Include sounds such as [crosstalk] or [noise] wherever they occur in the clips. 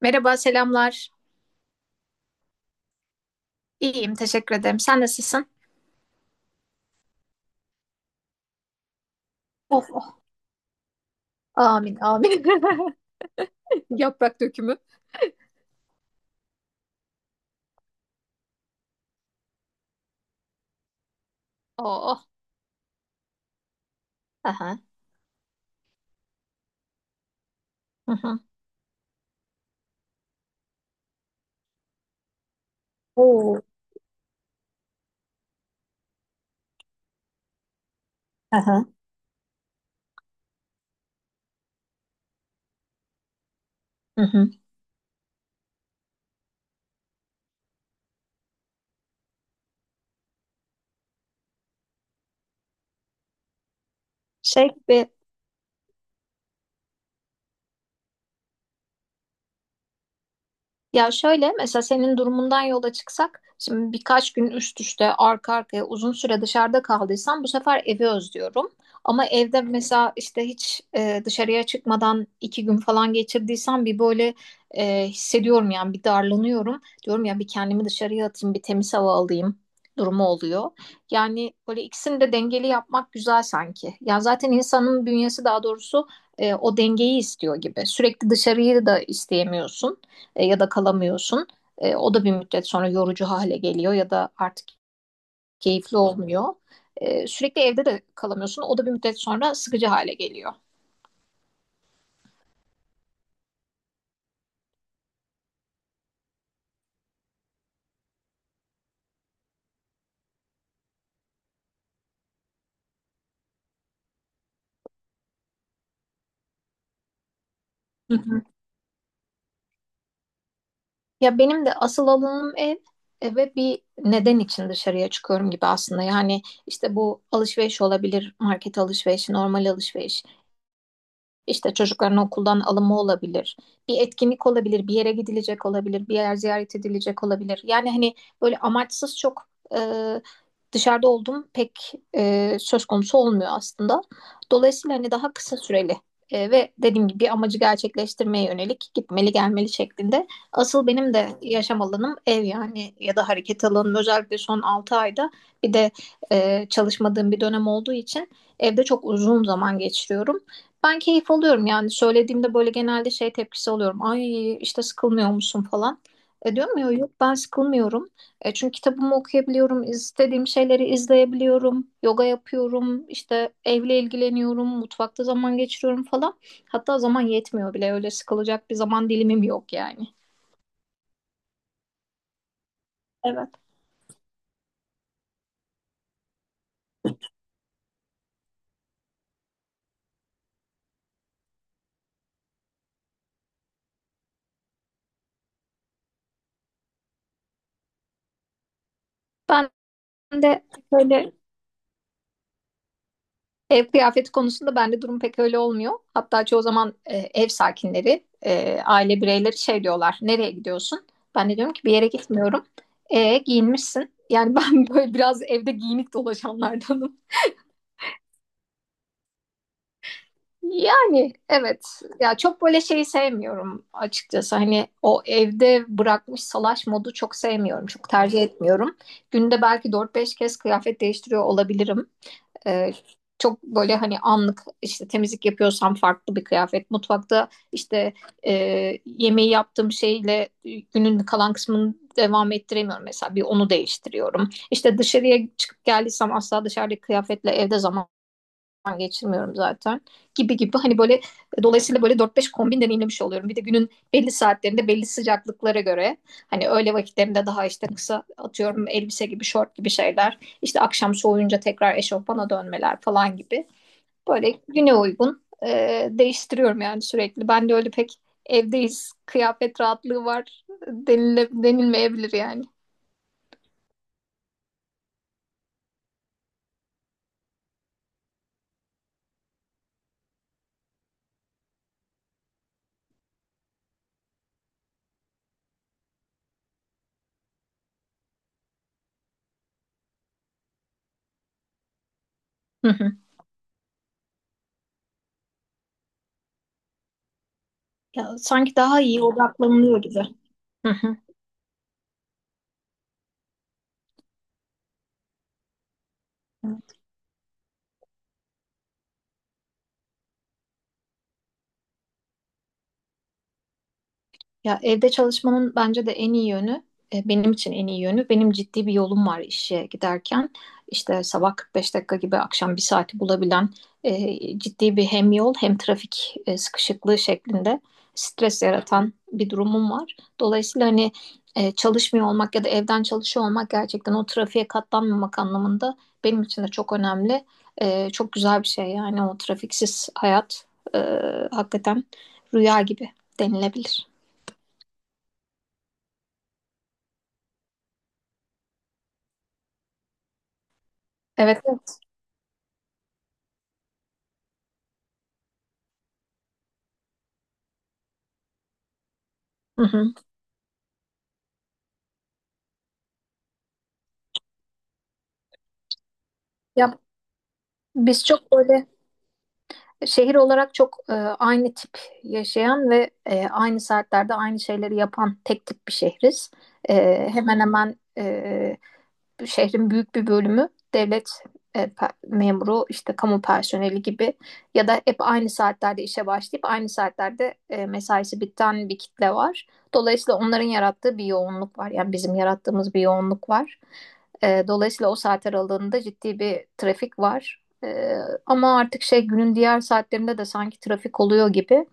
Merhaba, selamlar. İyiyim, teşekkür ederim. Sen nasılsın? Of, oh. Amin, amin. [laughs] Yaprak dökümü. Oh, oh. Aha. Hı hı. Oo. Aha. Hı hı. Şey gibi Ya şöyle mesela senin durumundan yola çıksak şimdi birkaç gün üst üste arka arkaya uzun süre dışarıda kaldıysam bu sefer evi özlüyorum. Ama evde mesela işte hiç dışarıya çıkmadan 2 gün falan geçirdiysem bir böyle hissediyorum yani bir darlanıyorum. Diyorum ya bir kendimi dışarıya atayım bir temiz hava alayım durumu oluyor. Yani böyle ikisini de dengeli yapmak güzel sanki. Ya zaten insanın bünyesi daha doğrusu o dengeyi istiyor gibi. Sürekli dışarıyı da isteyemiyorsun ya da kalamıyorsun. O da bir müddet sonra yorucu hale geliyor ya da artık keyifli olmuyor. Sürekli evde de kalamıyorsun. O da bir müddet sonra sıkıcı hale geliyor. Hı hı. Ya benim de asıl alanım ev ve bir neden için dışarıya çıkıyorum gibi aslında. Yani işte bu alışveriş olabilir, market alışverişi, normal alışveriş. İşte çocukların okuldan alımı olabilir, bir etkinlik olabilir, bir yere gidilecek olabilir, bir yer ziyaret edilecek olabilir. Yani hani böyle amaçsız çok e, dışarıda olduğum pek söz konusu olmuyor aslında. Dolayısıyla hani daha kısa süreli ve dediğim gibi bir amacı gerçekleştirmeye yönelik gitmeli gelmeli şeklinde. Asıl benim de yaşam alanım ev yani ya da hareket alanım özellikle son 6 ayda bir de çalışmadığım bir dönem olduğu için evde çok uzun zaman geçiriyorum. Ben keyif alıyorum yani söylediğimde böyle genelde şey tepkisi alıyorum. Ay işte sıkılmıyor musun falan. Diyorum ya yok ben sıkılmıyorum. Çünkü kitabımı okuyabiliyorum, istediğim şeyleri izleyebiliyorum, yoga yapıyorum, işte evle ilgileniyorum, mutfakta zaman geçiriyorum falan. Hatta zaman yetmiyor bile öyle sıkılacak bir zaman dilimim yok yani. Evet. Ben de böyle Ev kıyafeti konusunda bende durum pek öyle olmuyor. Hatta çoğu zaman ev sakinleri, aile bireyleri şey diyorlar, nereye gidiyorsun? Ben de diyorum ki bir yere gitmiyorum. Giyinmişsin. Yani ben [laughs] böyle biraz evde giyinik dolaşanlardanım. Yani evet, ya çok böyle şeyi sevmiyorum açıkçası. Hani o evde bırakmış salaş modu çok sevmiyorum, çok tercih etmiyorum. Günde belki dört beş kez kıyafet değiştiriyor olabilirim. Ee, çok böyle hani anlık işte temizlik yapıyorsam farklı bir kıyafet. Mutfakta işte e, yemeği yaptığım şeyle günün kalan kısmını devam ettiremiyorum mesela bir onu değiştiriyorum. İşte dışarıya çıkıp geldiysem asla dışarıdaki kıyafetle evde zaman geçirmiyorum zaten gibi gibi hani böyle dolayısıyla böyle dört beş kombin deneyimlemiş oluyorum. Bir de günün belli saatlerinde belli sıcaklıklara göre hani öğle vakitlerinde daha işte kısa atıyorum elbise gibi şort gibi şeyler işte akşam soğuyunca tekrar eşofmana dönmeler falan gibi böyle güne uygun değiştiriyorum yani sürekli. Ben de öyle pek evdeyiz kıyafet rahatlığı var denile, denilmeyebilir yani. Hı hı. Ya sanki daha iyi odaklanılıyor gibi. Hı hı. Ya evde çalışmanın bence de en iyi yönü, benim için en iyi yönü, benim ciddi bir yolum var işe giderken. İşte sabah 45 dakika gibi akşam bir saati bulabilen ciddi bir hem yol hem trafik sıkışıklığı şeklinde stres yaratan bir durumum var. Dolayısıyla hani çalışmıyor olmak ya da evden çalışıyor olmak gerçekten o trafiğe katlanmamak anlamında benim için de çok önemli. Çok güzel bir şey yani o trafiksiz hayat e, hakikaten rüya gibi denilebilir. Evet, evet. Hı hı. Ya biz çok böyle Şehir olarak çok aynı tip yaşayan ve aynı saatlerde aynı şeyleri yapan tek tip bir şehriz. E, hemen hemen şehrin büyük bir bölümü devlet memuru, işte kamu personeli gibi ya da hep aynı saatlerde işe başlayıp aynı saatlerde mesaisi biten bir kitle var. Dolayısıyla onların yarattığı bir yoğunluk var. Yani bizim yarattığımız bir yoğunluk var. Dolayısıyla o saat aralığında ciddi bir trafik var. Ee, ama artık şey günün diğer saatlerinde de sanki trafik oluyor gibi.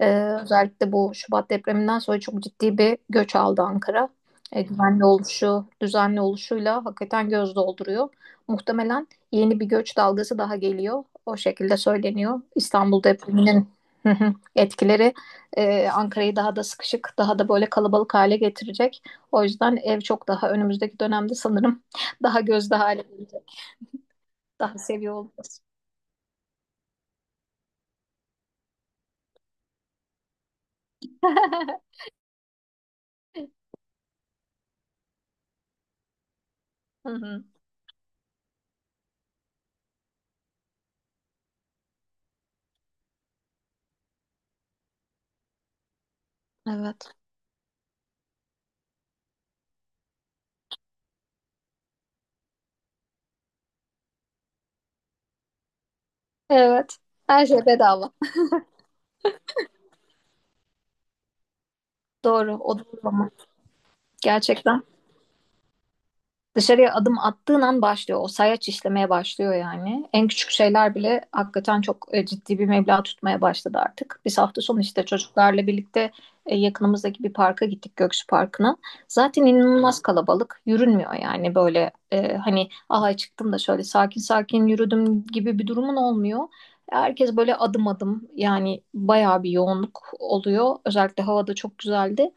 Özellikle bu Şubat depreminden sonra çok ciddi bir göç aldı Ankara. Güvenli oluşu, düzenli oluşuyla hakikaten göz dolduruyor. Muhtemelen yeni bir göç dalgası daha geliyor. O şekilde söyleniyor. İstanbul depreminin, hı hı, etkileri Ankara'yı daha da sıkışık, daha da böyle kalabalık hale getirecek. O yüzden ev çok daha önümüzdeki dönemde sanırım [laughs] daha gözde hale gelecek. Daha seviyor olacağız. [laughs] Hı hı. Evet. Evet. Her şey bedava. Doğru. O doğru ama. Gerçekten. Dışarıya adım attığın an başlıyor. O sayaç işlemeye başlıyor yani. En küçük şeyler bile hakikaten çok ciddi bir meblağ tutmaya başladı artık. Biz hafta sonu işte çocuklarla birlikte yakınımızdaki bir parka gittik Göksu Parkı'na. Zaten inanılmaz kalabalık. Yürünmüyor yani böyle hani aha çıktım da şöyle sakin sakin yürüdüm gibi bir durumun olmuyor. Herkes böyle adım adım yani bayağı bir yoğunluk oluyor. Özellikle havada çok güzeldi.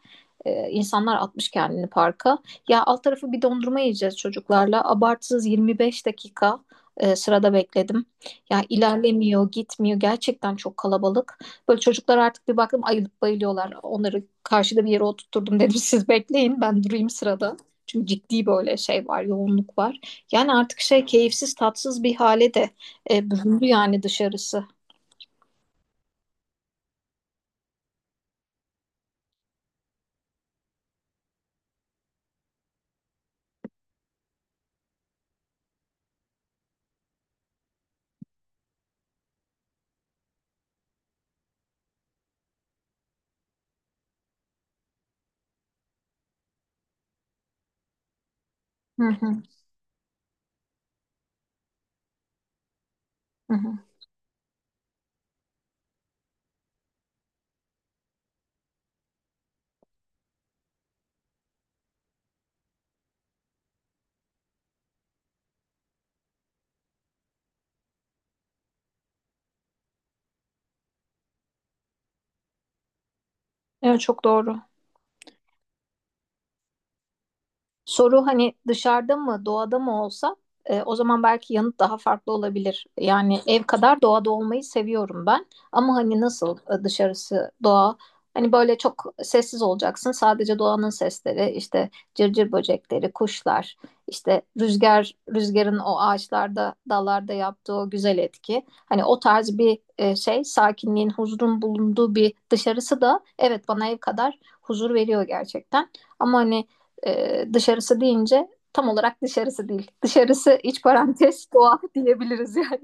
E, insanlar atmış kendini parka. Ya alt tarafı bir dondurma yiyeceğiz çocuklarla. Abartsız 25 dakika sırada bekledim. Ya ilerlemiyor, gitmiyor. Gerçekten çok kalabalık. Böyle çocuklar artık bir baktım ayılıp bayılıyorlar. Onları karşıda bir yere oturtturdum dedim [laughs] siz bekleyin ben durayım sırada. Çünkü ciddi böyle şey var, yoğunluk var. Yani artık şey keyifsiz, tatsız bir hale de büründü yani dışarısı. Hı hı, hı hı. Evet çok doğru. Soru hani dışarıda mı, doğada mı olsa o zaman belki yanıt daha farklı olabilir. Yani ev kadar doğada olmayı seviyorum ben. Ama hani nasıl dışarısı doğa? Hani böyle çok sessiz olacaksın. Sadece doğanın sesleri, işte cırcır böcekleri, kuşlar, işte rüzgar, rüzgarın o ağaçlarda, dallarda yaptığı o güzel etki. Hani o tarz bir şey, sakinliğin, huzurun bulunduğu bir dışarısı da evet bana ev kadar huzur veriyor gerçekten. Ama hani dışarısı deyince tam olarak dışarısı değil. Dışarısı iç parantez [laughs] doğa diyebiliriz yani.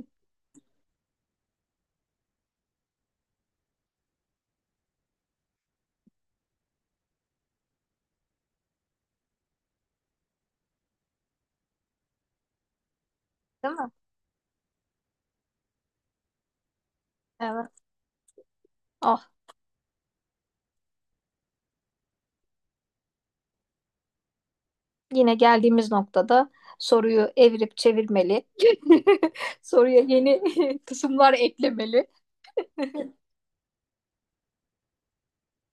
Değil mi? Evet. Ah, yine geldiğimiz noktada soruyu evirip çevirmeli. [laughs] Soruya yeni [laughs] kısımlar eklemeli.